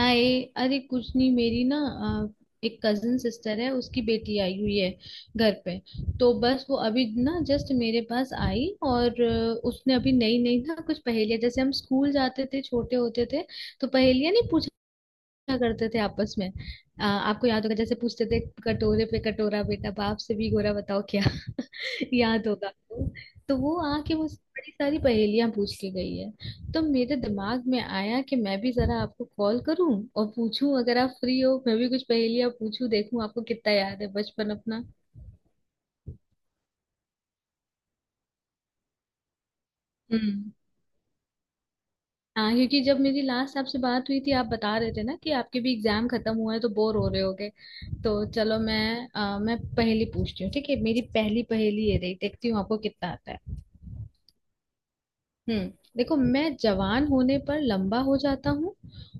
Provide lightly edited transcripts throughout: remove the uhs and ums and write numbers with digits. आए। अरे कुछ नहीं मेरी ना। एक कजन सिस्टर है उसकी बेटी आई हुई है घर पे। तो बस वो अभी ना जस्ट मेरे पास आई। और उसने अभी नई नई ना कुछ पहेलियां जैसे हम स्कूल जाते थे छोटे होते थे तो पहेलियां नहीं पूछा करते थे आपस में। आपको याद होगा जैसे पूछते थे। कटोरे पे कटोरा बेटा बाप से भी गोरा बताओ क्या। याद होगा आपको। तो वो आके मुझसे बड़ी सारी पहेलियां पूछ के गई है। तो मेरे दिमाग में आया कि मैं भी जरा आपको कॉल करूं और पूछूं अगर आप फ्री हो मैं भी कुछ पहेलियां पूछूं देखूं आपको कितना याद है बचपन अपना। हम्म। हाँ क्योंकि जब मेरी लास्ट आपसे बात हुई थी आप बता रहे थे ना कि आपके भी एग्जाम खत्म हुआ है तो बोर हो रहे होगे। तो चलो मैं पहेली पूछती हूँ। ठीक है। मेरी पहली पहेली ये रही। देखती हूँ आपको कितना आता है। हम्म। देखो मैं जवान होने पर लंबा हो जाता हूँ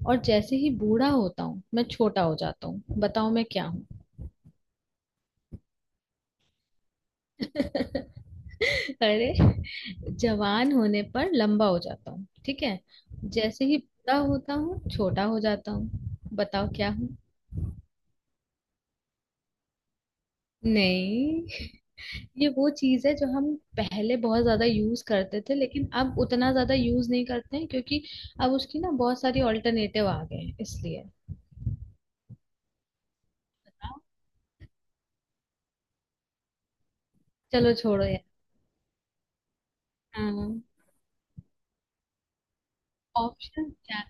और जैसे ही बूढ़ा होता हूँ मैं छोटा हो जाता हूँ। बताओ मैं क्या हूँ। अरे। जवान होने पर लंबा हो जाता हूँ ठीक है। जैसे ही बूढ़ा होता हूँ छोटा हो जाता हूँ। बताओ क्या हूँ। नहीं। ये वो चीज है जो हम पहले बहुत ज्यादा यूज करते थे लेकिन अब उतना ज्यादा यूज नहीं करते हैं क्योंकि अब उसकी ना बहुत सारी ऑल्टरनेटिव आ गए हैं इसलिए। चलो छोड़ो यार। हाँ। ऑप्शन क्या है?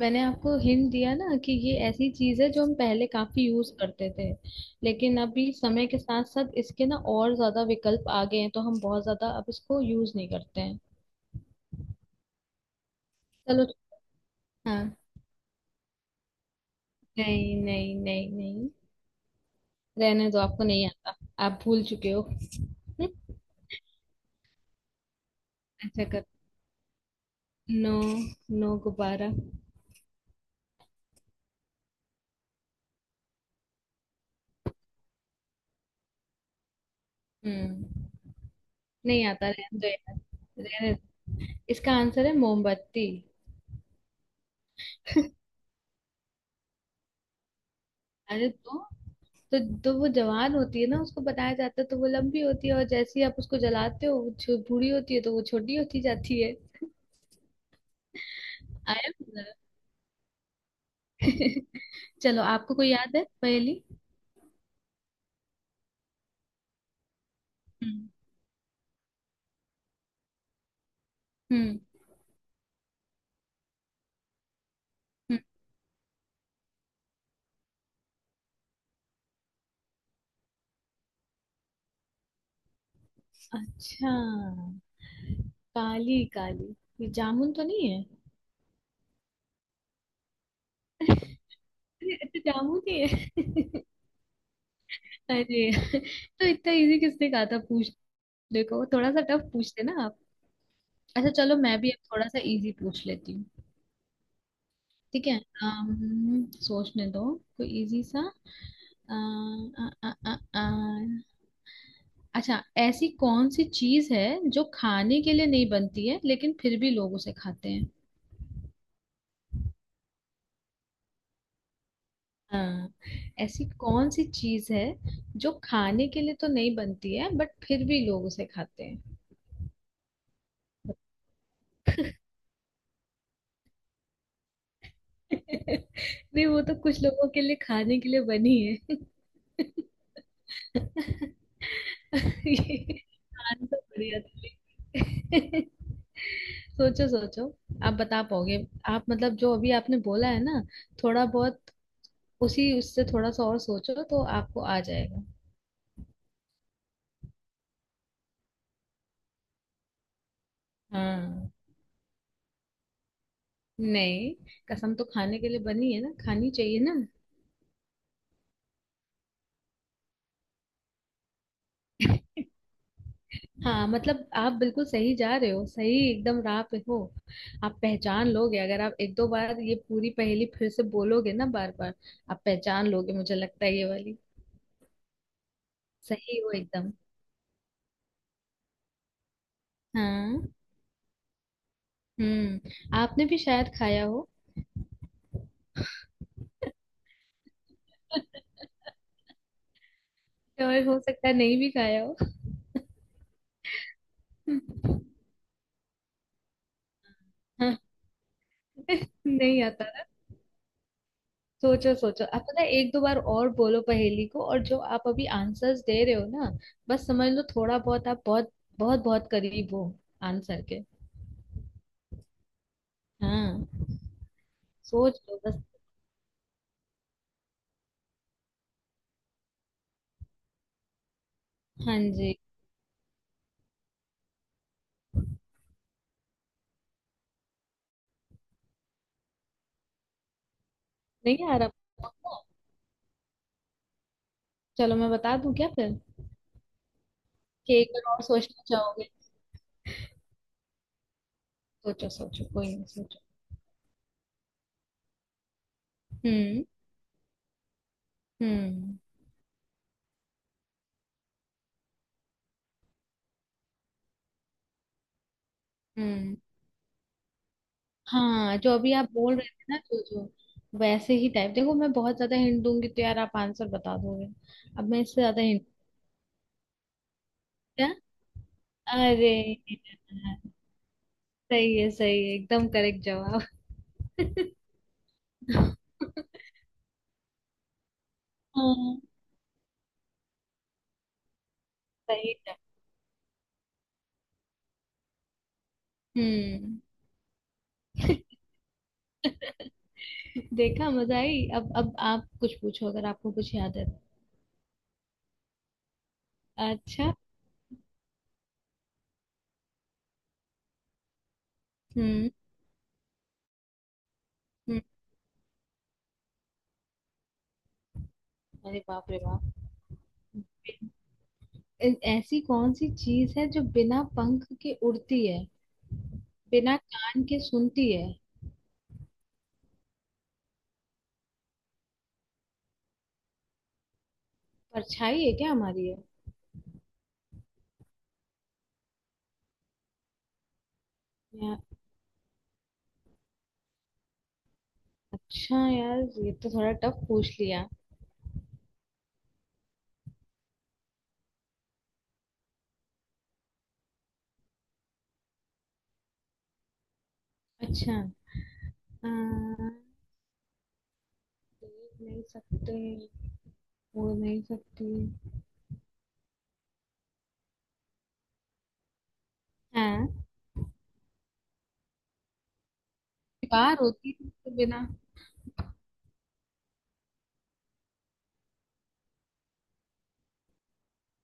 मैंने आपको हिंट दिया ना कि ये ऐसी चीज है जो हम पहले काफी यूज करते थे लेकिन अभी समय के साथ साथ इसके ना और ज्यादा विकल्प आ गए हैं तो हम बहुत ज्यादा अब इसको यूज नहीं करते हैं। चलो। हाँ। नहीं नहीं नहीं नहीं। रहने दो आपको नहीं आता। आप भूल चुके हो। हम्म। अच्छा कर। नो। नो गुब्बारा। हम्म। नहीं आता रहने दो यार। रहने दो। इसका आंसर है मोमबत्ती। अरे तो। तो वो जवान होती है ना उसको बताया जाता है तो वो लंबी होती है और जैसे ही आप उसको जलाते हो वो बूढ़ी होती है तो वो छोटी होती जाती है। आया मजा? चलो आपको कोई याद है पहेली। हम्म हम्म हम्म। अच्छा। काली काली। ये जामुन तो नहीं है। अरे अच्छा जामुन ही है। अरे तो इतना इजी किसने कहा था पूछ। देखो थोड़ा सा टफ पूछते ना आप। अच्छा चलो मैं भी अब थोड़ा सा इजी पूछ लेती हूँ। ठीक है। सोचने दो कोई इजी सा। अ, अ, अ, अ, अ। अच्छा ऐसी कौन सी चीज है जो खाने के लिए नहीं बनती है लेकिन फिर भी लोग उसे खाते हैं। हाँ। ऐसी कौन सी चीज है जो खाने के लिए तो नहीं बनती है बट फिर भी लोग उसे खाते हैं। नहीं वो तो कुछ लोगों के लिए खाने के लिए बनी है। ये। आंसर बढ़िया था लेकिन। सोचो सोचो। आप बता पाओगे। आप मतलब जो अभी आपने बोला है ना थोड़ा बहुत उसी उससे थोड़ा सा और सोचो तो आपको आ जाएगा। हाँ। नहीं। कसम तो खाने के लिए बनी है ना खानी चाहिए ना। हाँ मतलब आप बिल्कुल सही जा रहे हो सही एकदम राह पे हो। आप पहचान लोगे अगर आप एक दो बार ये पूरी पहेली फिर से बोलोगे ना बार बार। आप पहचान लोगे मुझे लगता है ये वाली। सही हो एकदम। हाँ। आपने भी शायद खाया हो। और हो सकता है नहीं भी खाया हो। हाँ। नहीं आता ना। सोचो सोचो आप पता है एक दो बार और बोलो पहेली को और जो आप अभी आंसर्स दे रहे हो ना बस समझ लो थोड़ा बहुत आप बहुत बहुत बहुत करीब हो आंसर के। हाँ। सोच लो बस। हाँ जी। नहीं आ रहा पक्का? चलो मैं बता दूं क्या फिर कि एक बार और सोचना चाहोगे। सोचो सोचो कोई नहीं सोचो। हम्म हम्म हम्म। हाँ जो अभी आप बोल रहे थे ना जो जो वैसे ही टाइप देखो मैं बहुत ज्यादा हिंट दूंगी तो यार आप आंसर बता दोगे। अब मैं इससे ज्यादा हिंट। क्या। अरे सही है एकदम करेक्ट जवाब। हाँ। सही जवाब। हम्म। देखा मजा आई। अब आप कुछ पूछो अगर आपको कुछ याद है। अच्छा। हम्म। हम्म। अरे बाप रे बाप। ऐसी कौन सी चीज है जो बिना पंख के उड़ती है। बिना कान के सुनती है। परछाई है क्या हमारी। है। अच्छा यार ये तो थोड़ा टफ पूछ लिया। अच्छा। हाँ, देख नहीं सकते बोल नहीं सकते। हाँ। बेकार होती है इसके बिना।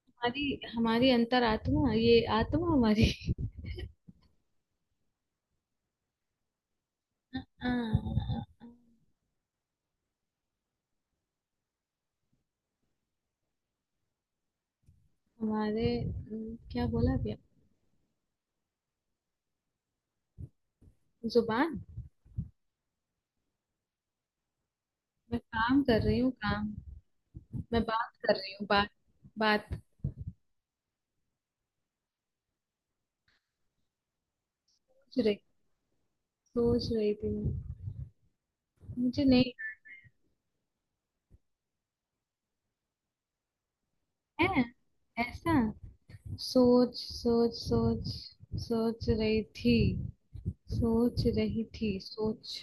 हमारी हमारी अंतरात्मा ये आत्मा हमारी। आ, हमारे क्या बोला भैया। जुबान। मैं काम कर रही हूँ काम। मैं बात कर रही हूँ बात। बात। सोच रही। सोच रही थी मैं। मुझे नहीं। है। ऐसा। सोच सोच सोच। सोच रही थी। सोच रही थी सोच।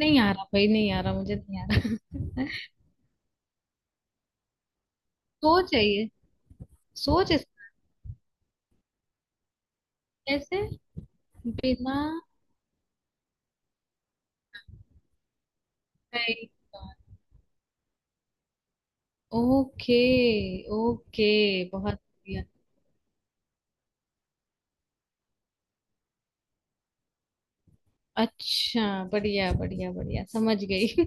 नहीं आ रहा भाई नहीं आ रहा मुझे नहीं आ रहा। सोच है ये। सोच इस- कैसे। बिना। गई। ओके। ओके। बहुत बढ़िया। अच्छा बढ़िया बढ़िया बढ़िया समझ गई।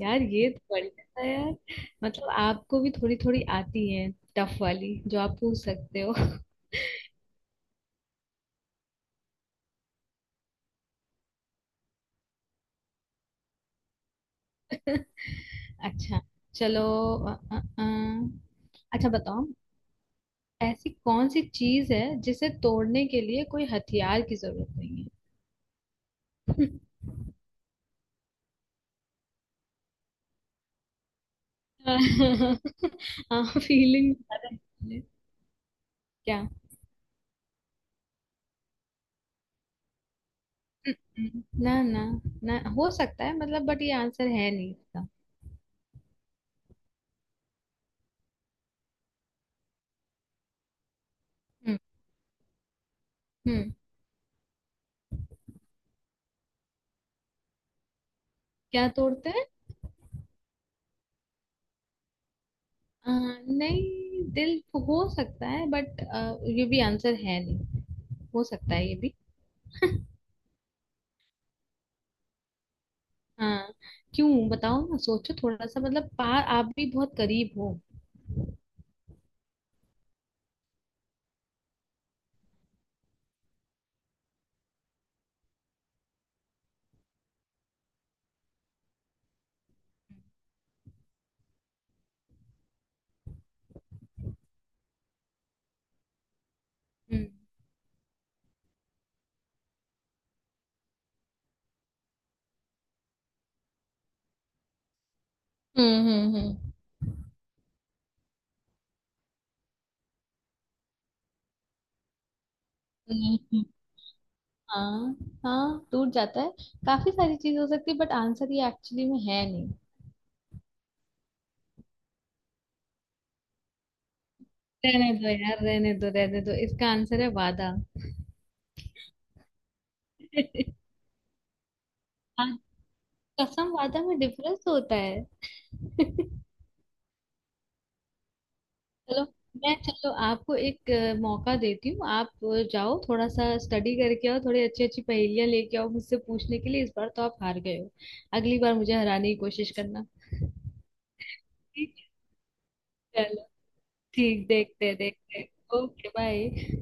यार ये तो बढ़िया था यार। मतलब आपको भी थोड़ी थोड़ी आती है। टफ वाली जो आप पूछ सकते हो। अच्छा चलो। अ, अ, अ, अच्छा बताओ। ऐसी कौन सी चीज है जिसे तोड़ने के लिए कोई हथियार की जरूरत नहीं है। हाँ फीलिंग। क्या। हम्म। ना ना। ना हो सकता है मतलब बट ये आंसर है नहीं इसका। हम्म। हम्म। क्या तोड़ते हैं। अ, नहीं दिल। हो सकता है बट ये भी आंसर है नहीं। हो सकता है ये भी। हाँ क्यों बताओ ना सोचो थोड़ा सा मतलब पार आप भी बहुत करीब हो। हम्म हम्म हम्म हम्म। नहीं, हाँ। हाँ टूट जाता है। काफी सारी चीज हो सकती है बट आंसर ये एक्चुअली में है नहीं। रहने दो यार रहने दो इसका आंसर है वादा। हाँ, कसम वादा में डिफरेंस होता है। चलो चलो आपको एक मौका देती हूँ। आप जाओ थोड़ा सा स्टडी करके आओ थोड़ी अच्छी अच्छी पहेलियां लेके आओ मुझसे पूछने के लिए। इस बार तो आप हार गए हो। अगली बार मुझे हराने की कोशिश करना। ठीक है चलो। ठीक देखते देखते। Okay bye.